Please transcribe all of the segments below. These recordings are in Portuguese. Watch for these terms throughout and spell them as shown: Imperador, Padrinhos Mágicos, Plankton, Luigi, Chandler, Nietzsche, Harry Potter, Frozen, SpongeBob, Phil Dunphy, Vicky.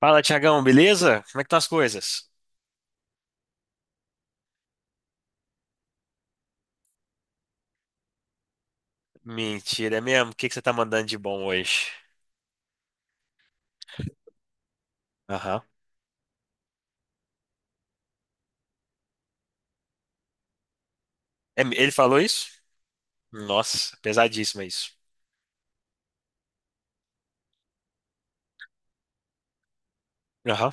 Fala, Tiagão, beleza? Como é que estão as coisas? Mentira, é mesmo? O que que você tá mandando de bom hoje? Aham. É ele falou isso? Nossa, pesadíssimo é isso. Aham.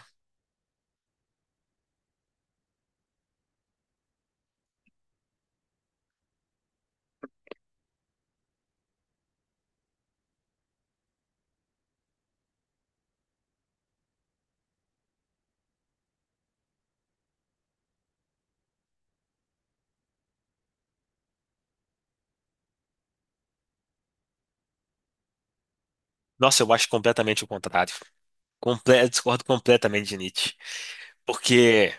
Nossa, eu acho completamente o contrário. Eu discordo completamente de Nietzsche. Porque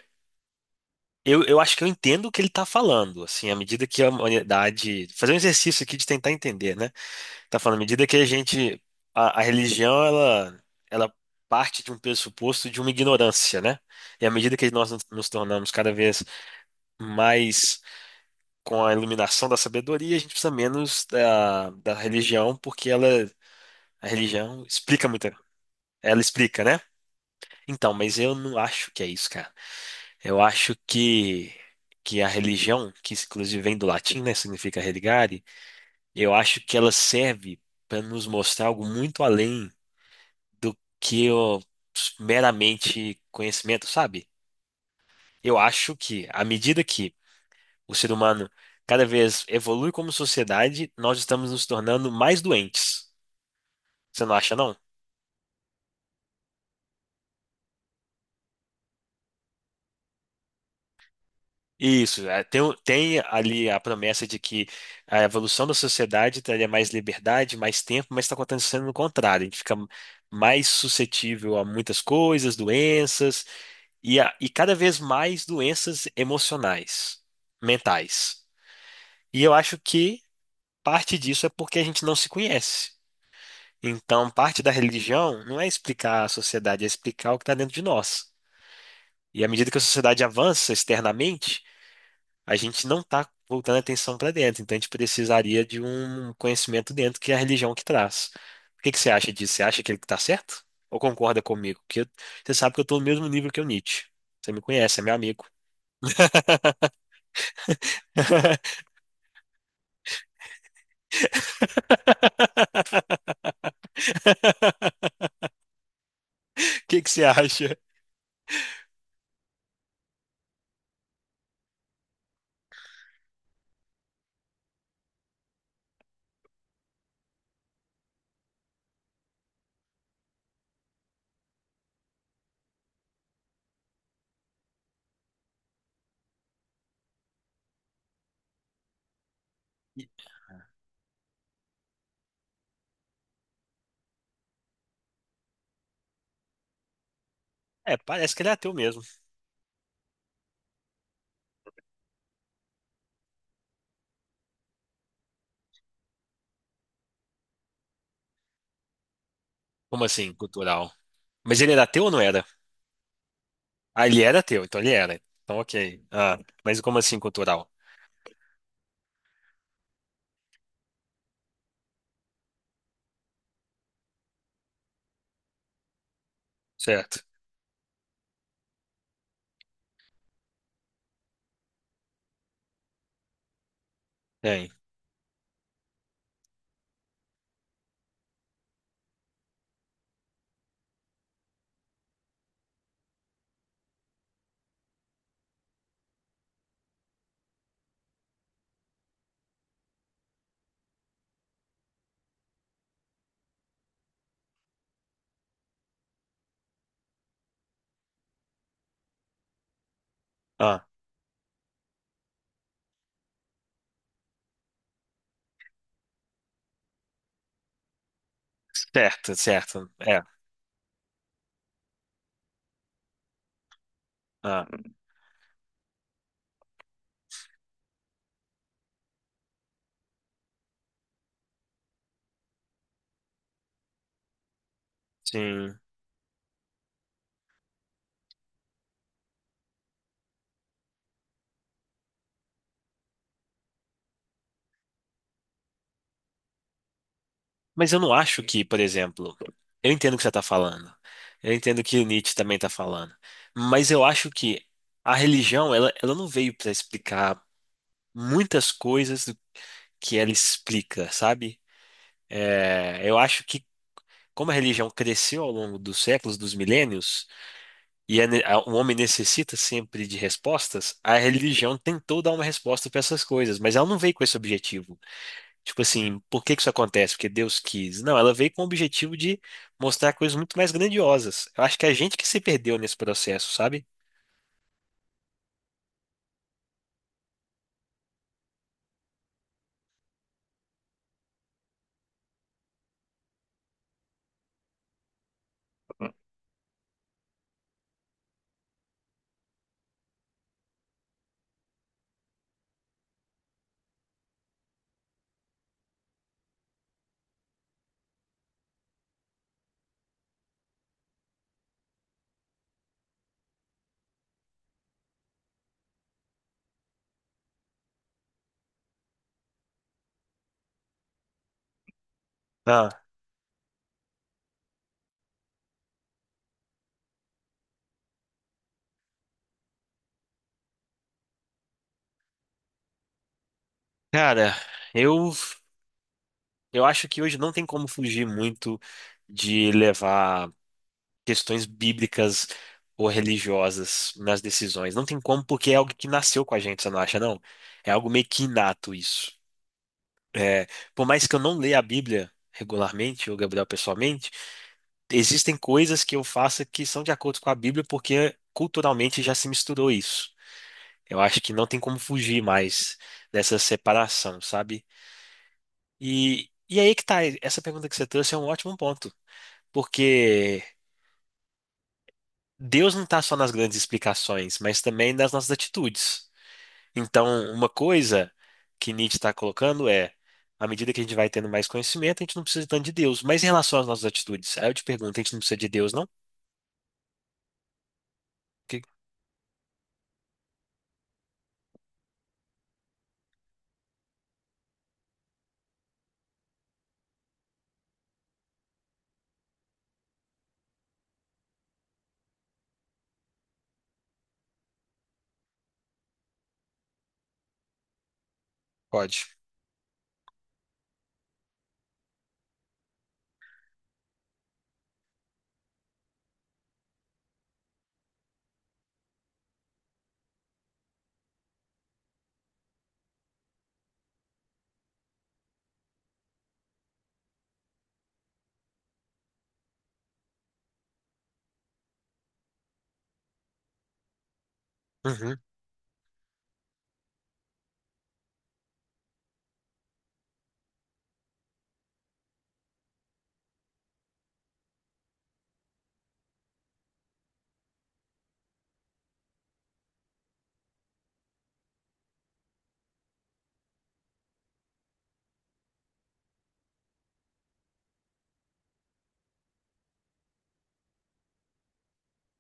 eu acho que eu entendo o que ele tá falando, assim, à medida que a humanidade. Fazer um exercício aqui de tentar entender, né? Tá falando, à medida que a gente. A religião, ela parte de um pressuposto de uma ignorância, né? E à medida que nós nos tornamos cada vez mas com a iluminação da sabedoria, a gente precisa menos da religião, porque ela, a religião explica muita. Ela explica, né? Então, mas eu não acho que é isso, cara. Eu acho que a religião, que inclusive vem do latim, né? Significa religare, eu acho que ela serve para nos mostrar algo muito além do que o meramente conhecimento, sabe? Eu acho que à medida que o ser humano cada vez evolui como sociedade, nós estamos nos tornando mais doentes. Você não acha, não? Isso, é, tem, tem ali a promessa de que a evolução da sociedade traria mais liberdade, mais tempo, mas está acontecendo o contrário. A gente fica mais suscetível a muitas coisas, doenças, e, e cada vez mais doenças emocionais, mentais. E eu acho que parte disso é porque a gente não se conhece. Então, parte da religião não é explicar a sociedade, é explicar o que está dentro de nós. E à medida que a sociedade avança externamente, a gente não está voltando a atenção para dentro. Então, a gente precisaria de um conhecimento dentro que é a religião que traz. O que que você acha disso? Você acha que ele está certo? Ou concorda comigo? Que eu- você sabe que eu estou no mesmo nível que o Nietzsche. Você me conhece, é meu amigo. O que que você acha? É, parece que ele é ateu mesmo. Como assim, cultural? Mas ele era ateu ou não era? Ah, ele era teu, então ele era. Então, ok. Ah, mas como assim cultural? Certo. Tem. Ah, certo, certo. É. Ah, sim. Mas eu não acho que, por exemplo, eu entendo o que você está falando. Eu entendo o que o Nietzsche também está falando. Mas eu acho que a religião, ela não veio para explicar muitas coisas do que ela explica, sabe? É, eu acho que como a religião cresceu ao longo dos séculos, dos milênios, e é o homem necessita sempre de respostas, a religião tentou dar uma resposta para essas coisas, mas ela não veio com esse objetivo. Tipo assim, por que que isso acontece? Porque Deus quis. Não, ela veio com o objetivo de mostrar coisas muito mais grandiosas. Eu acho que é a gente que se perdeu nesse processo, sabe? Ah, cara, eu eu acho que hoje não tem como fugir muito de levar questões bíblicas ou religiosas nas decisões. Não tem como, porque é algo que nasceu com a gente, você não acha, não? É algo meio que inato isso. É, por mais que eu não leia a Bíblia regularmente, ou Gabriel pessoalmente, existem coisas que eu faço que são de acordo com a Bíblia, porque culturalmente já se misturou isso. Eu acho que não tem como fugir mais dessa separação, sabe? E aí que tá, essa pergunta que você trouxe é um ótimo ponto, porque Deus não tá só nas grandes explicações, mas também nas nossas atitudes. Então, uma coisa que Nietzsche está colocando é, à medida que a gente vai tendo mais conhecimento, a gente não precisa tanto de Deus. Mas em relação às nossas atitudes, aí eu te pergunto, a gente não precisa de Deus, não? Que pode. Uhum.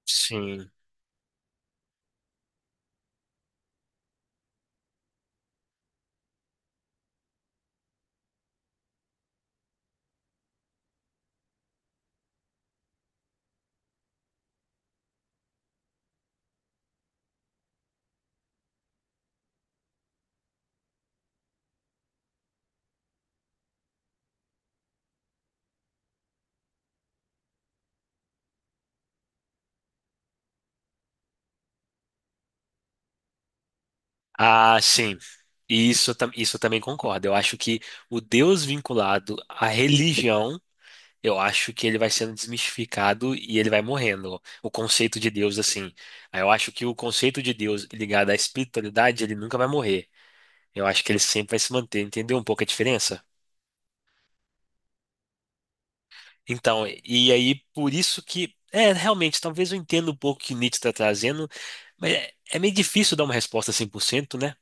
Sim. Ah, sim. Isso, isso eu também concordo. Eu acho que o Deus vinculado à religião, eu acho que ele vai sendo desmistificado e ele vai morrendo. O conceito de Deus, assim. Aí eu acho que o conceito de Deus ligado à espiritualidade, ele nunca vai morrer. Eu acho que ele sempre vai se manter, entendeu um pouco a diferença? Então, e aí por isso que, é, realmente, talvez eu entenda um pouco o que Nietzsche está trazendo, mas é, é meio difícil dar uma resposta 100%, né?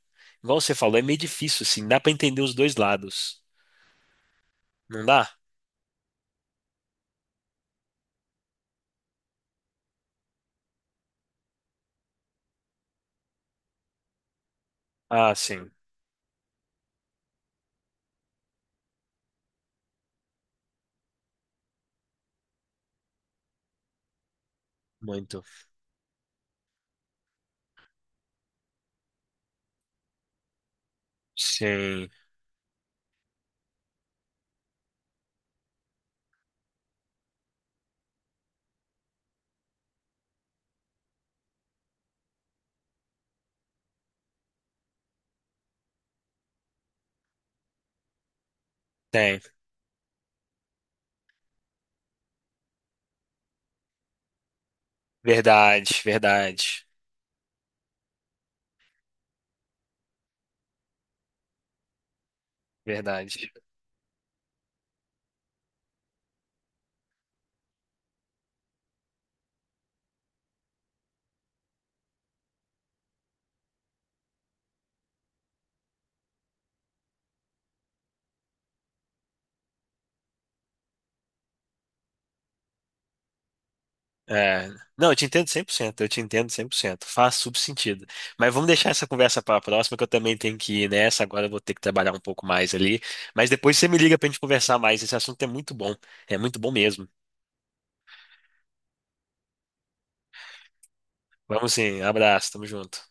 Igual você falou, é meio difícil, assim, dá para entender os dois lados, não dá? Ah, sim, muito. Sim, tem. Verdade, verdade, verdade. É, não, eu te entendo 100%. Eu te entendo 100%. Faz super sentido. Mas vamos deixar essa conversa para a próxima, que eu também tenho que ir nessa, agora eu vou ter que trabalhar um pouco mais ali. Mas depois você me liga para a gente conversar mais, esse assunto é muito bom mesmo. Vamos sim, abraço, tamo junto.